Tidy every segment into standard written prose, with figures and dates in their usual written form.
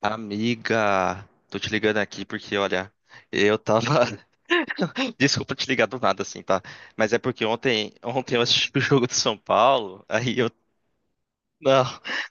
Amiga, tô te ligando aqui porque, olha, eu tava. Desculpa te ligar do nada assim, tá? Mas é porque ontem eu assisti o jogo do São Paulo, aí eu. Não,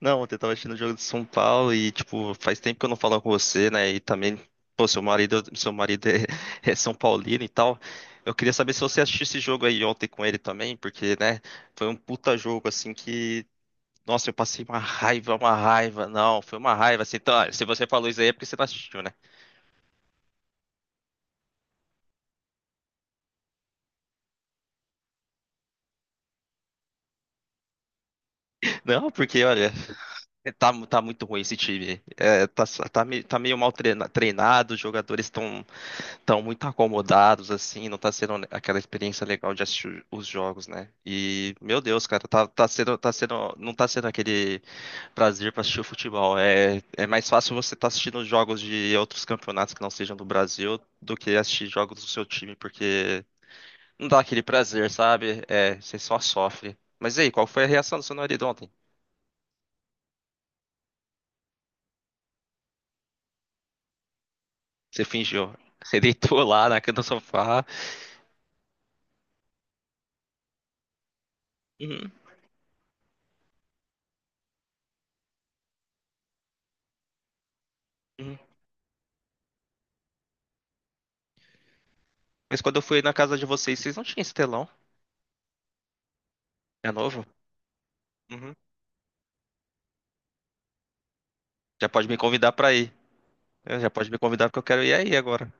não, ontem eu tava assistindo o jogo do São Paulo e, tipo, faz tempo que eu não falo com você, né? E também, pô, seu marido é São Paulino e tal. Eu queria saber se você assistiu esse jogo aí ontem com ele também, porque, né, foi um puta jogo assim que. Nossa, eu passei uma raiva, uma raiva. Não, foi uma raiva. Assim, então, olha, se você falou isso aí é porque você não assistiu, né? Não, porque olha, tá muito ruim esse time. Tá meio mal treinado, os jogadores estão tão muito acomodados, assim, não tá sendo aquela experiência legal de assistir os jogos, né? E, meu Deus, cara, não tá sendo aquele prazer pra assistir o futebol. É, é mais fácil você tá assistindo os jogos de outros campeonatos que não sejam do Brasil do que assistir jogos do seu time, porque não dá aquele prazer, sabe? É, você só sofre. Mas e aí, qual foi a reação do seu marido ontem? Você fingiu. Você deitou lá na cama do sofá. Uhum, uhum. Mas quando eu fui na casa de vocês, vocês não tinham esse telão. É novo? Uhum. Já pode me convidar pra ir. É, já pode me convidar porque eu quero ir aí agora.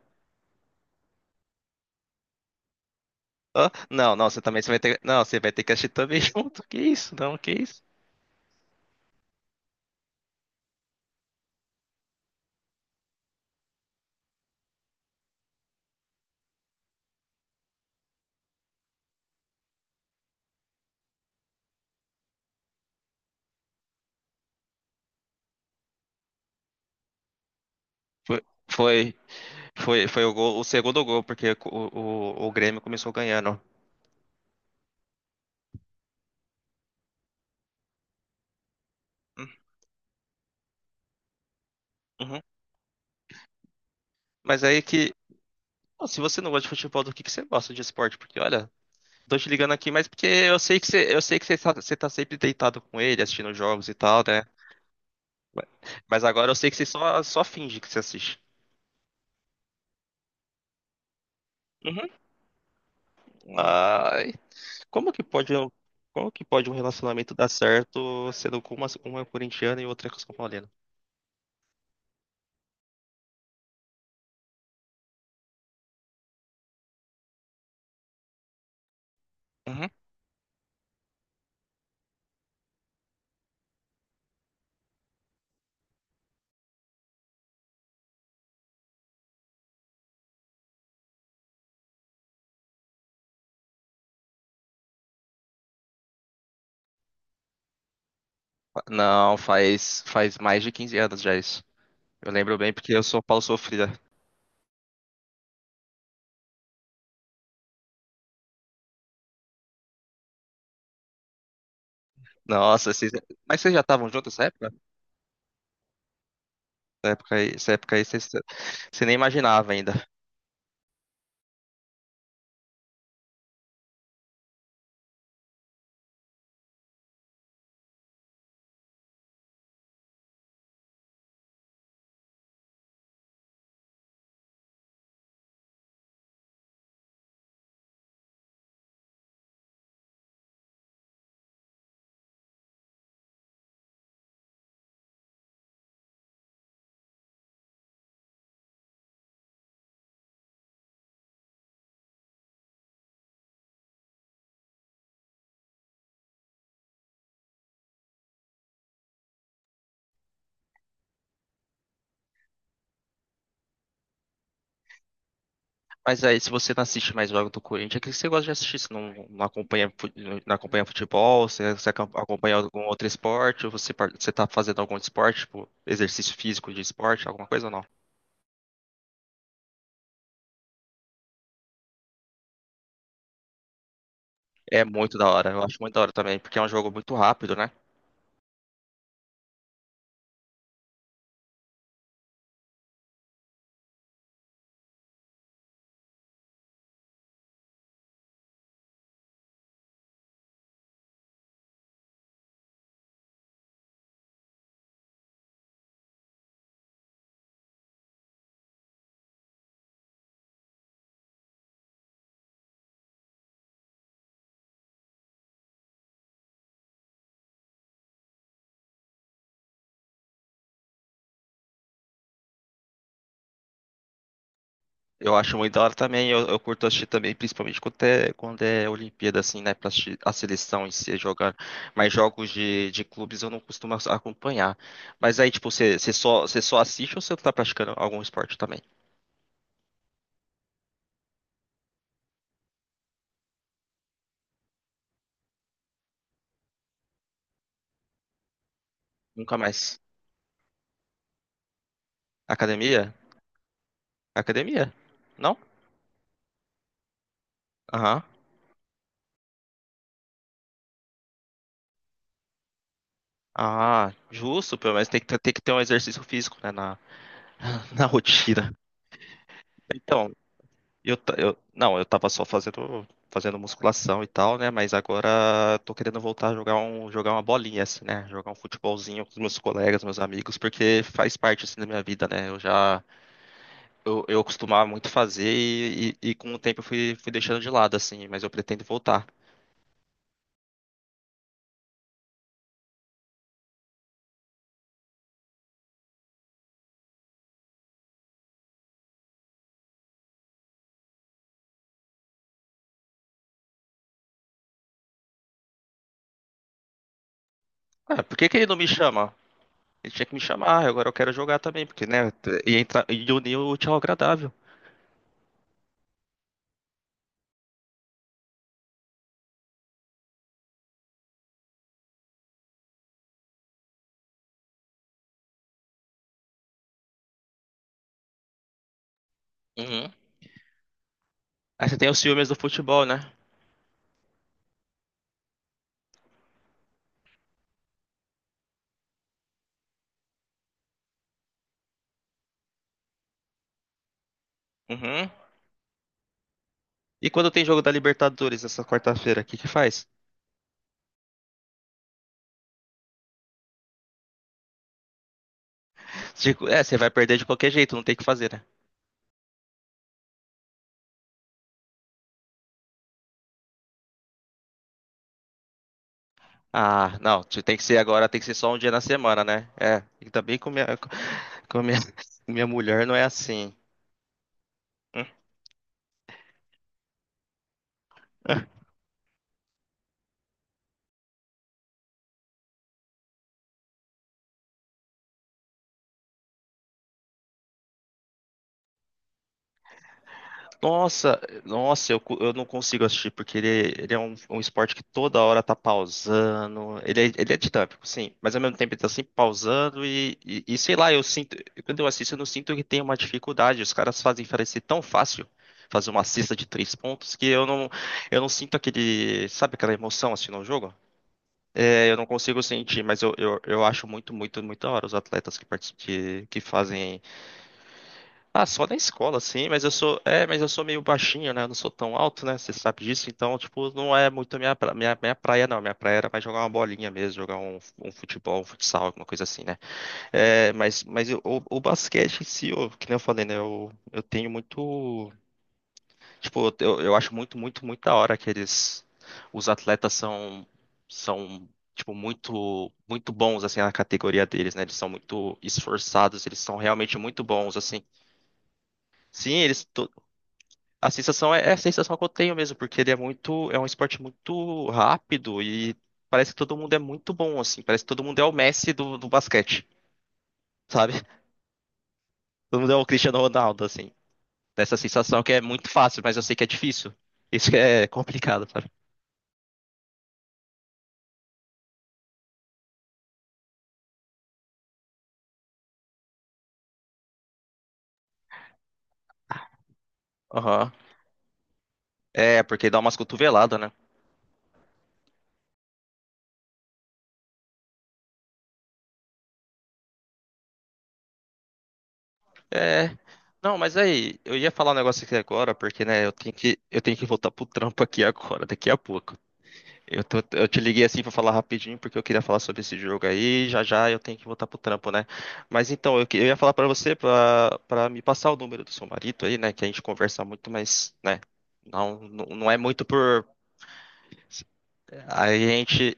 Hã? Não, não, você também você vai ter. Não, você vai ter que assistir também junto. Que isso? Não, que isso? Foi, foi, foi o, o segundo gol, porque o Grêmio começou ganhando. Uhum. Mas é aí que. Se você não gosta de futebol, do que você gosta de esporte? Porque, olha, tô te ligando aqui, mas porque eu sei que você tá, você tá sempre deitado com ele, assistindo jogos e tal, né? Mas agora eu sei que você só finge que você assiste. Uhum. Ai, como que pode, um- como que pode um relacionamento dar certo sendo com uma é corintiana e outra é São Paulina? Uhum. Não, faz mais de 15 anos já isso. Eu lembro bem porque eu sou Paulo Sofrida. Nossa, vocês, mas vocês já estavam juntos nessa época? Essa época aí vocês, você nem imaginava ainda. Mas aí, se você não assiste mais jogo do Corinthians, é que você gosta de assistir? Você não acompanha, não acompanha futebol? Você, acompanha algum outro esporte? Ou você, você tá fazendo algum esporte, tipo, exercício físico de esporte, alguma coisa ou não? É muito da hora, eu acho muito da hora também, porque é um jogo muito rápido, né? Eu acho muito da hora também, eu curto assistir também, principalmente quando é Olimpíada, assim, né, pra assistir a seleção em si jogando. Mas jogos de clubes eu não costumo acompanhar. Mas aí, tipo, você só assiste ou você tá praticando algum esporte também? Nunca mais. Academia? Academia? Não? Aham. Ah, justo, pelo menos tem que ter um exercício físico, né, na, na rotina. Então, eu, ta- eu, não, eu tava só fazendo musculação e tal, né, mas agora tô querendo voltar a jogar uma bolinha, assim, né, jogar um futebolzinho com os meus colegas, meus amigos, porque faz parte, assim, da minha vida, né, eu já, eu costumava muito fazer e com o tempo eu fui deixando de lado, assim, mas eu pretendo voltar. Ah, por que que ele não me chama? Ele tinha que me chamar, "Ah, agora eu quero jogar também, porque, né, ia, entrar, ia unir o tchau agradável. Uhum. Aí você tem os ciúmes do futebol, né? Uhum. E quando tem jogo da Libertadores essa quarta-feira, o que que faz? Tipo, é, você vai perder de qualquer jeito, não tem o que fazer, né? Ah, não, tem que ser agora, tem que ser só um dia na semana, né? É, ainda bem com minha, com minha,, minha mulher não é assim. Hum? Nossa, nossa, eu, eu não consigo assistir, porque ele, um esporte que toda hora tá pausando. Ele é dinâmico, sim, mas ao mesmo tempo ele tá sempre pausando e sei lá, eu sinto, quando eu assisto, eu não sinto que tem uma dificuldade. Os caras fazem parecer tão fácil fazer uma cesta de 3 pontos que eu não sinto aquele, sabe aquela emoção assim no jogo? É, eu não consigo sentir, mas eu acho muito da hora os atletas que, que fazem ah, só na escola, sim, mas eu sou, é, mas eu sou meio baixinho, né? Eu não sou tão alto, né? Você sabe disso, então, tipo, não é muito minha, minha praia, não. Minha praia era mais jogar uma bolinha mesmo, jogar um, um futebol, um futsal, alguma coisa assim, né? É, mas o, o basquete em si, eu, que nem eu falei, né? Eu tenho muito, tipo, eu acho muito da hora que eles, os atletas são tipo, muito bons, assim, na categoria deles, né? Eles são muito esforçados, eles são realmente muito bons, assim. Sim, eles. A sensação é, é a sensação que eu tenho mesmo, porque ele é muito, é um esporte muito rápido e parece que todo mundo é muito bom, assim. Parece que todo mundo é o Messi do basquete, sabe? Todo mundo é o Cristiano Ronaldo, assim. Essa sensação que é muito fácil, mas eu sei que é difícil. Isso que é complicado, sabe? Aham. É, porque dá umas cotoveladas, né? É. Não, mas aí, eu ia falar um negócio aqui agora, porque, né, eu tenho que voltar pro trampo aqui agora, daqui a pouco. Eu tô, eu te liguei assim pra falar rapidinho porque eu queria falar sobre esse jogo aí. Já já eu tenho que voltar pro trampo, né? Mas então, eu, eu ia falar pra você pra para me passar o número do seu marido aí, né? Que a gente conversa muito, mas, né? Não, não é muito por. Aí a gente.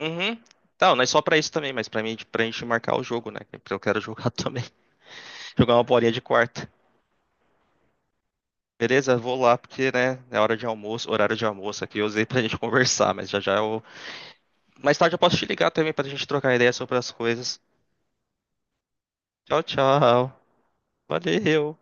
Uhum. Não, não é só pra isso também, mas pra mim, pra gente marcar o jogo, né? Porque eu quero jogar também. Jogar uma bolinha de quarta. Beleza? Vou lá porque, né? É hora de almoço, horário de almoço aqui. Eu usei pra gente conversar, mas já já eu. Mais tarde eu posso te ligar também pra gente trocar ideia sobre as coisas. Tchau, tchau. Valeu.